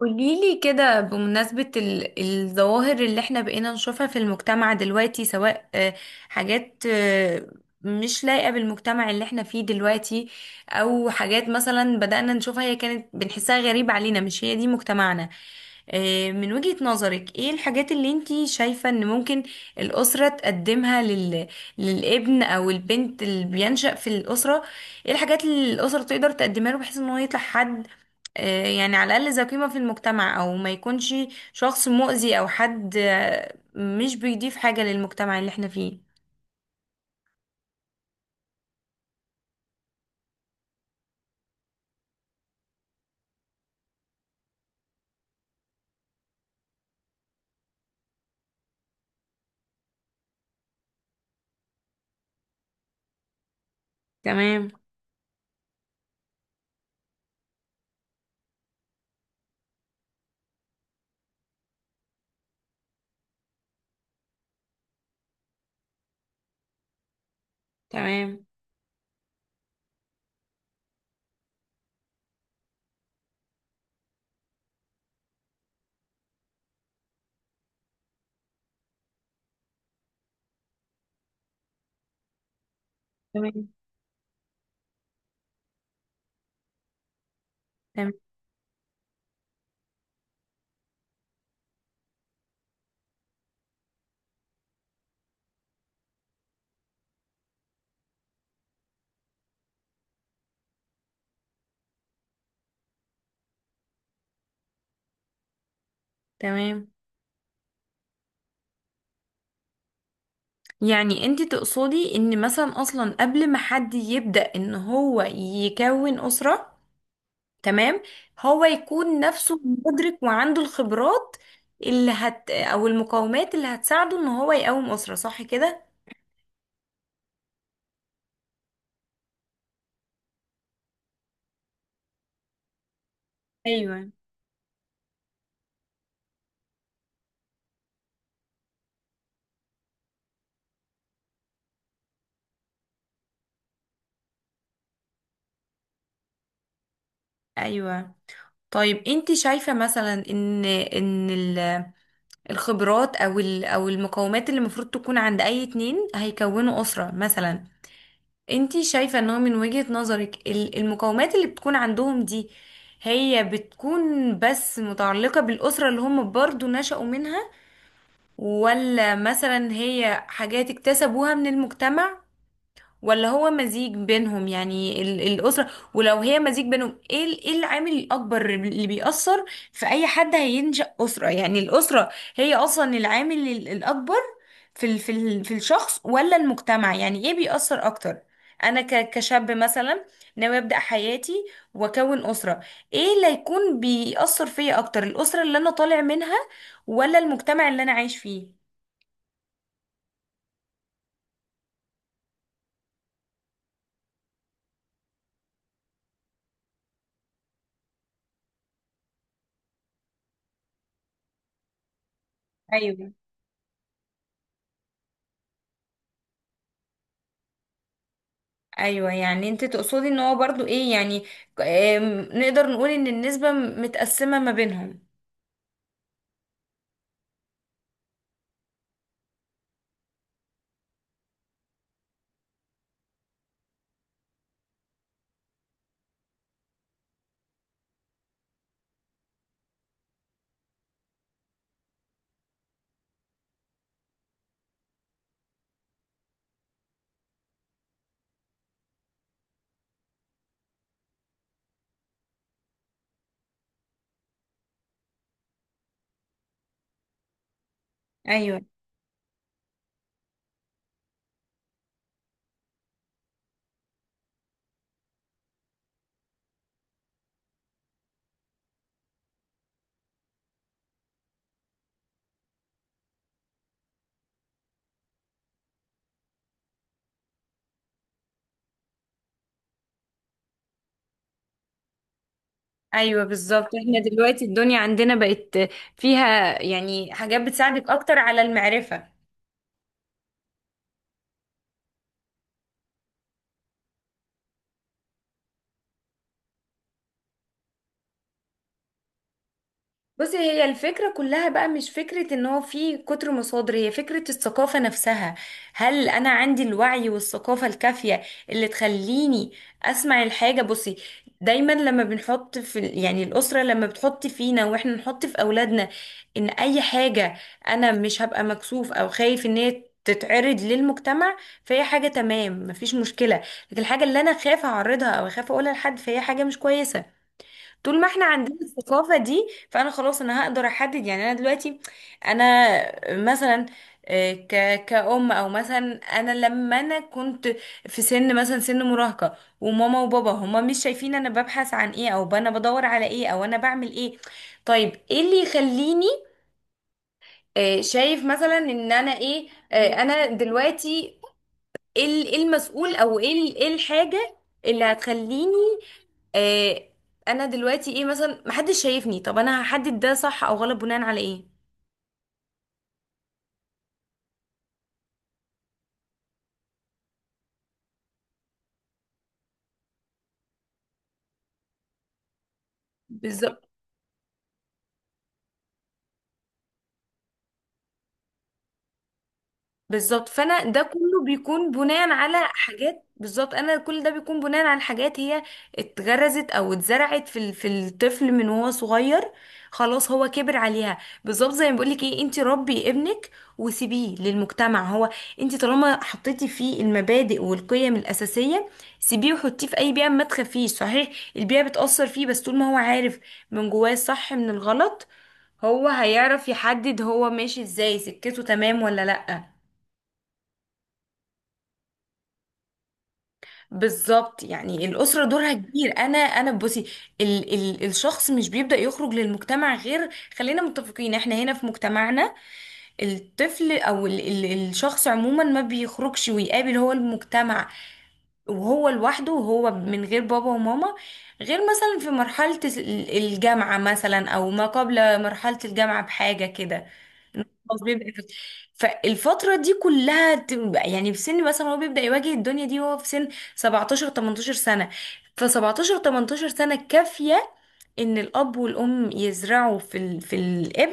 قوليلي كده بمناسبة الظواهر اللي احنا بقينا نشوفها في المجتمع دلوقتي سواء حاجات مش لايقة بالمجتمع اللي احنا فيه دلوقتي، او حاجات مثلا بدأنا نشوفها هي كانت بنحسها غريبة علينا، مش هي دي مجتمعنا. من وجهة نظرك ايه الحاجات اللي انتي شايفة ان ممكن الأسرة تقدمها للابن او البنت اللي بينشأ في الأسرة؟ ايه الحاجات اللي الأسرة تقدر تقدمها له بحيث ان هو يطلع حد يعني على الأقل ذو قيمة في المجتمع، أو ما يكونش شخص مؤذي أو حد مش بيضيف حاجة للمجتمع اللي احنا فيه. تمام. تمام. تمام. تمام. تمام. يعني انت تقصدي ان مثلا اصلا قبل ما حد يبدأ ان هو يكون أسرة، تمام، هو يكون نفسه مدرك وعنده الخبرات اللي هت او المقومات اللي هتساعده ان هو يقوم أسرة، صح كده؟ ايوه. ايوه. طيب انت شايفة مثلا ان الخبرات او المقومات اللي المفروض تكون عند اي اتنين هيكونوا اسرة مثلا، انت شايفة ان هو من وجهة نظرك المقومات اللي بتكون عندهم دي هي بتكون بس متعلقة بالأسرة اللي هم برضو نشأوا منها، ولا مثلا هي حاجات اكتسبوها من المجتمع، ولا هو مزيج بينهم؟ يعني الأسرة، ولو هي مزيج بينهم، ايه ايه العامل الأكبر اللي بيأثر في أي حد هينشأ أسرة؟ يعني الأسرة هي أصلا العامل الأكبر في ال في ال في الشخص ولا المجتمع؟ يعني ايه بيأثر أكتر؟ أنا كشاب مثلا ناوي أبدأ حياتي وأكون أسرة، ايه اللي هيكون بيأثر فيا أكتر، الأسرة اللي أنا طالع منها ولا المجتمع اللي أنا عايش فيه؟ ايوه. ايوه، يعني انت تقصدي ان هو برضو ايه، يعني نقدر نقول ان النسبة متقسمة ما بينهم. ايوه. ايوه، بالظبط، احنا دلوقتي الدنيا عندنا بقت فيها يعني حاجات بتساعدك اكتر على المعرفة. بصي، هي الفكرة كلها بقى مش فكرة ان هو في كتر مصادر، هي فكرة الثقافة نفسها. هل انا عندي الوعي والثقافة الكافية اللي تخليني اسمع الحاجة؟ بصي، دايما لما بنحط في يعني الأسرة لما بتحط فينا واحنا نحط في أولادنا ان اي حاجة انا مش هبقى مكسوف او خايف ان هي تتعرض للمجتمع، فهي حاجة تمام مفيش مشكلة. لكن الحاجة اللي انا خايفة اعرضها او خايفة اقولها لحد، فهي حاجة مش كويسة. طول ما احنا عندنا الثقافة دي، فانا خلاص انا هقدر احدد. يعني انا دلوقتي انا مثلا كأم او مثلا انا لما انا كنت في سن مثلا سن مراهقة، وماما وبابا هما مش شايفين انا ببحث عن ايه او انا بدور على ايه او انا بعمل ايه، طيب ايه اللي يخليني شايف مثلا ان انا ايه؟ انا دلوقتي ايه إيه المسؤول او ايه إيه الحاجة اللي هتخليني آه انا دلوقتي ايه، مثلا محدش شايفني، طب انا هحدد ده صح او غلط بناء على ايه؟ بالظبط. بالظبط، فانا ده كله بيكون بناء على حاجات. بالظبط، انا كل ده بيكون بناء على حاجات هي اتغرزت او اتزرعت في في الطفل من وهو صغير، خلاص هو كبر عليها. بالظبط، زي ما بقولك ايه، انت ربي ابنك وسيبيه للمجتمع. هو انت طالما حطيتي فيه المبادئ والقيم الاساسيه، سيبيه وحطيه في اي بيئه، ما تخافيش. صحيح البيئه بتاثر فيه، بس طول ما هو عارف من جواه الصح من الغلط، هو هيعرف يحدد هو ماشي ازاي، سكته تمام ولا لا. بالظبط، يعني الأسرة دورها كبير. أنا بصي، ال ال الشخص مش بيبدأ يخرج للمجتمع غير، خلينا متفقين احنا هنا في مجتمعنا، الطفل أو ال ال الشخص عموما ما بيخرجش ويقابل هو المجتمع وهو لوحده وهو من غير بابا وماما غير مثلا في مرحلة الجامعة مثلا أو ما قبل مرحلة الجامعة بحاجة كده. خلاص، فالفترة دي كلها يعني في سن مثلا هو بيبدأ يواجه الدنيا دي وهو في سن 17 18 سنة. ف 17 18 سنة كافية ان الاب والام يزرعوا في الابن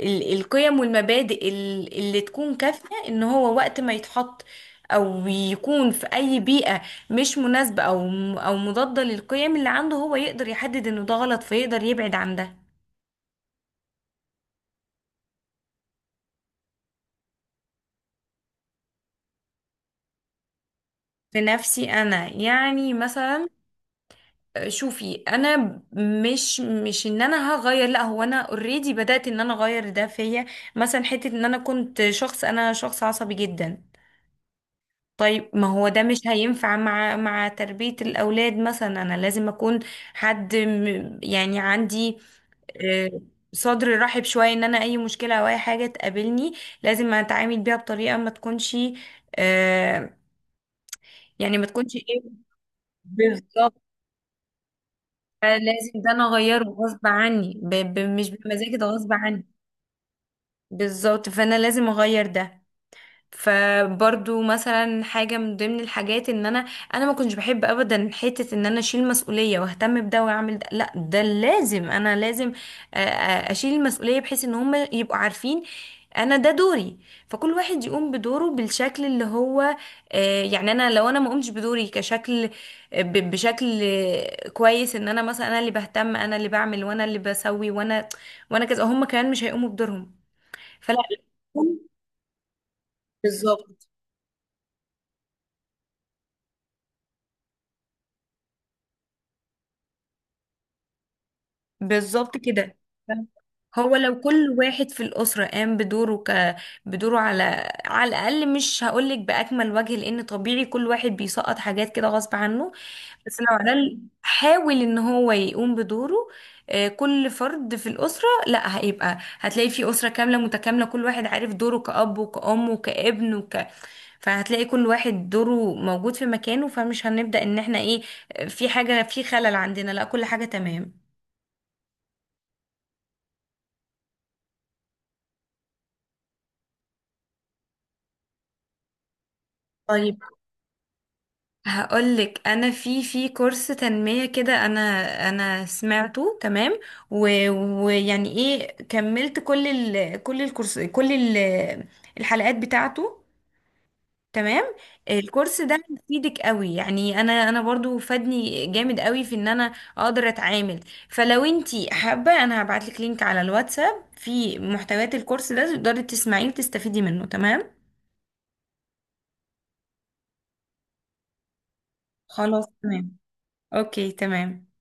القيم والمبادئ اللي تكون كافية ان هو وقت ما يتحط او يكون في اي بيئة مش مناسبة او او مضادة للقيم اللي عنده، هو يقدر يحدد انه ده غلط فيقدر يبعد عن ده. في نفسي انا يعني مثلا، شوفي انا مش ان انا هغير، لا هو انا اوريدي بدأت ان انا اغير ده فيا. مثلا حتة ان انا كنت شخص، انا شخص عصبي جدا، طيب ما هو ده مش هينفع مع تربية الاولاد، مثلا انا لازم اكون حد يعني عندي آه، صدر رحب شوية ان انا اي مشكلة او اي حاجة تقابلني لازم اتعامل بيها بطريقة ما تكونش آه، يعني ما تكونش ايه. بالظبط، لازم ده انا اغيره غصب عني، مش بمزاجي، ده غصب عني. بالظبط، فانا لازم اغير ده. فبرضو مثلا حاجة من ضمن الحاجات ان انا ما كنتش بحب ابدا حتة ان انا اشيل مسؤولية واهتم بده واعمل ده، لا ده لازم، انا لازم اشيل المسؤولية بحيث ان هم يبقوا عارفين انا ده دوري، فكل واحد يقوم بدوره بالشكل اللي هو يعني. انا لو انا ما قمتش بدوري كشكل بشكل كويس ان انا مثلا انا اللي بهتم انا اللي بعمل وانا اللي بسوي وانا كذا، هم كمان مش هيقوموا بدورهم. فلا. بالظبط. بالظبط كده، هو لو كل واحد في الأسرة قام بدوره بدوره على على الأقل، مش هقولك بأكمل وجه لأن طبيعي كل واحد بيسقط حاجات كده غصب عنه، بس لو على الأقل حاول إن هو يقوم بدوره كل فرد في الأسرة، لا هيبقى، هتلاقي في أسرة كاملة متكاملة كل واحد عارف دوره كأب وكأم وكابن وك، فهتلاقي كل واحد دوره موجود في مكانه، فمش هنبدأ إن احنا إيه في حاجة في خلل عندنا، لا كل حاجة تمام. طيب هقولك انا في في كورس تنمية كده، انا انا سمعته تمام و- ويعني ايه كملت كل ال كل الكورس كل ال الحلقات بتاعته. تمام. الكورس ده هيفيدك قوي، يعني انا برضو فادني جامد قوي في ان انا اقدر اتعامل، فلو انتي حابة انا هبعتلك لينك على الواتساب في محتويات الكورس ده تقدري تسمعيه وتستفيدي منه. تمام. خلاص تمام. اوكي تمام.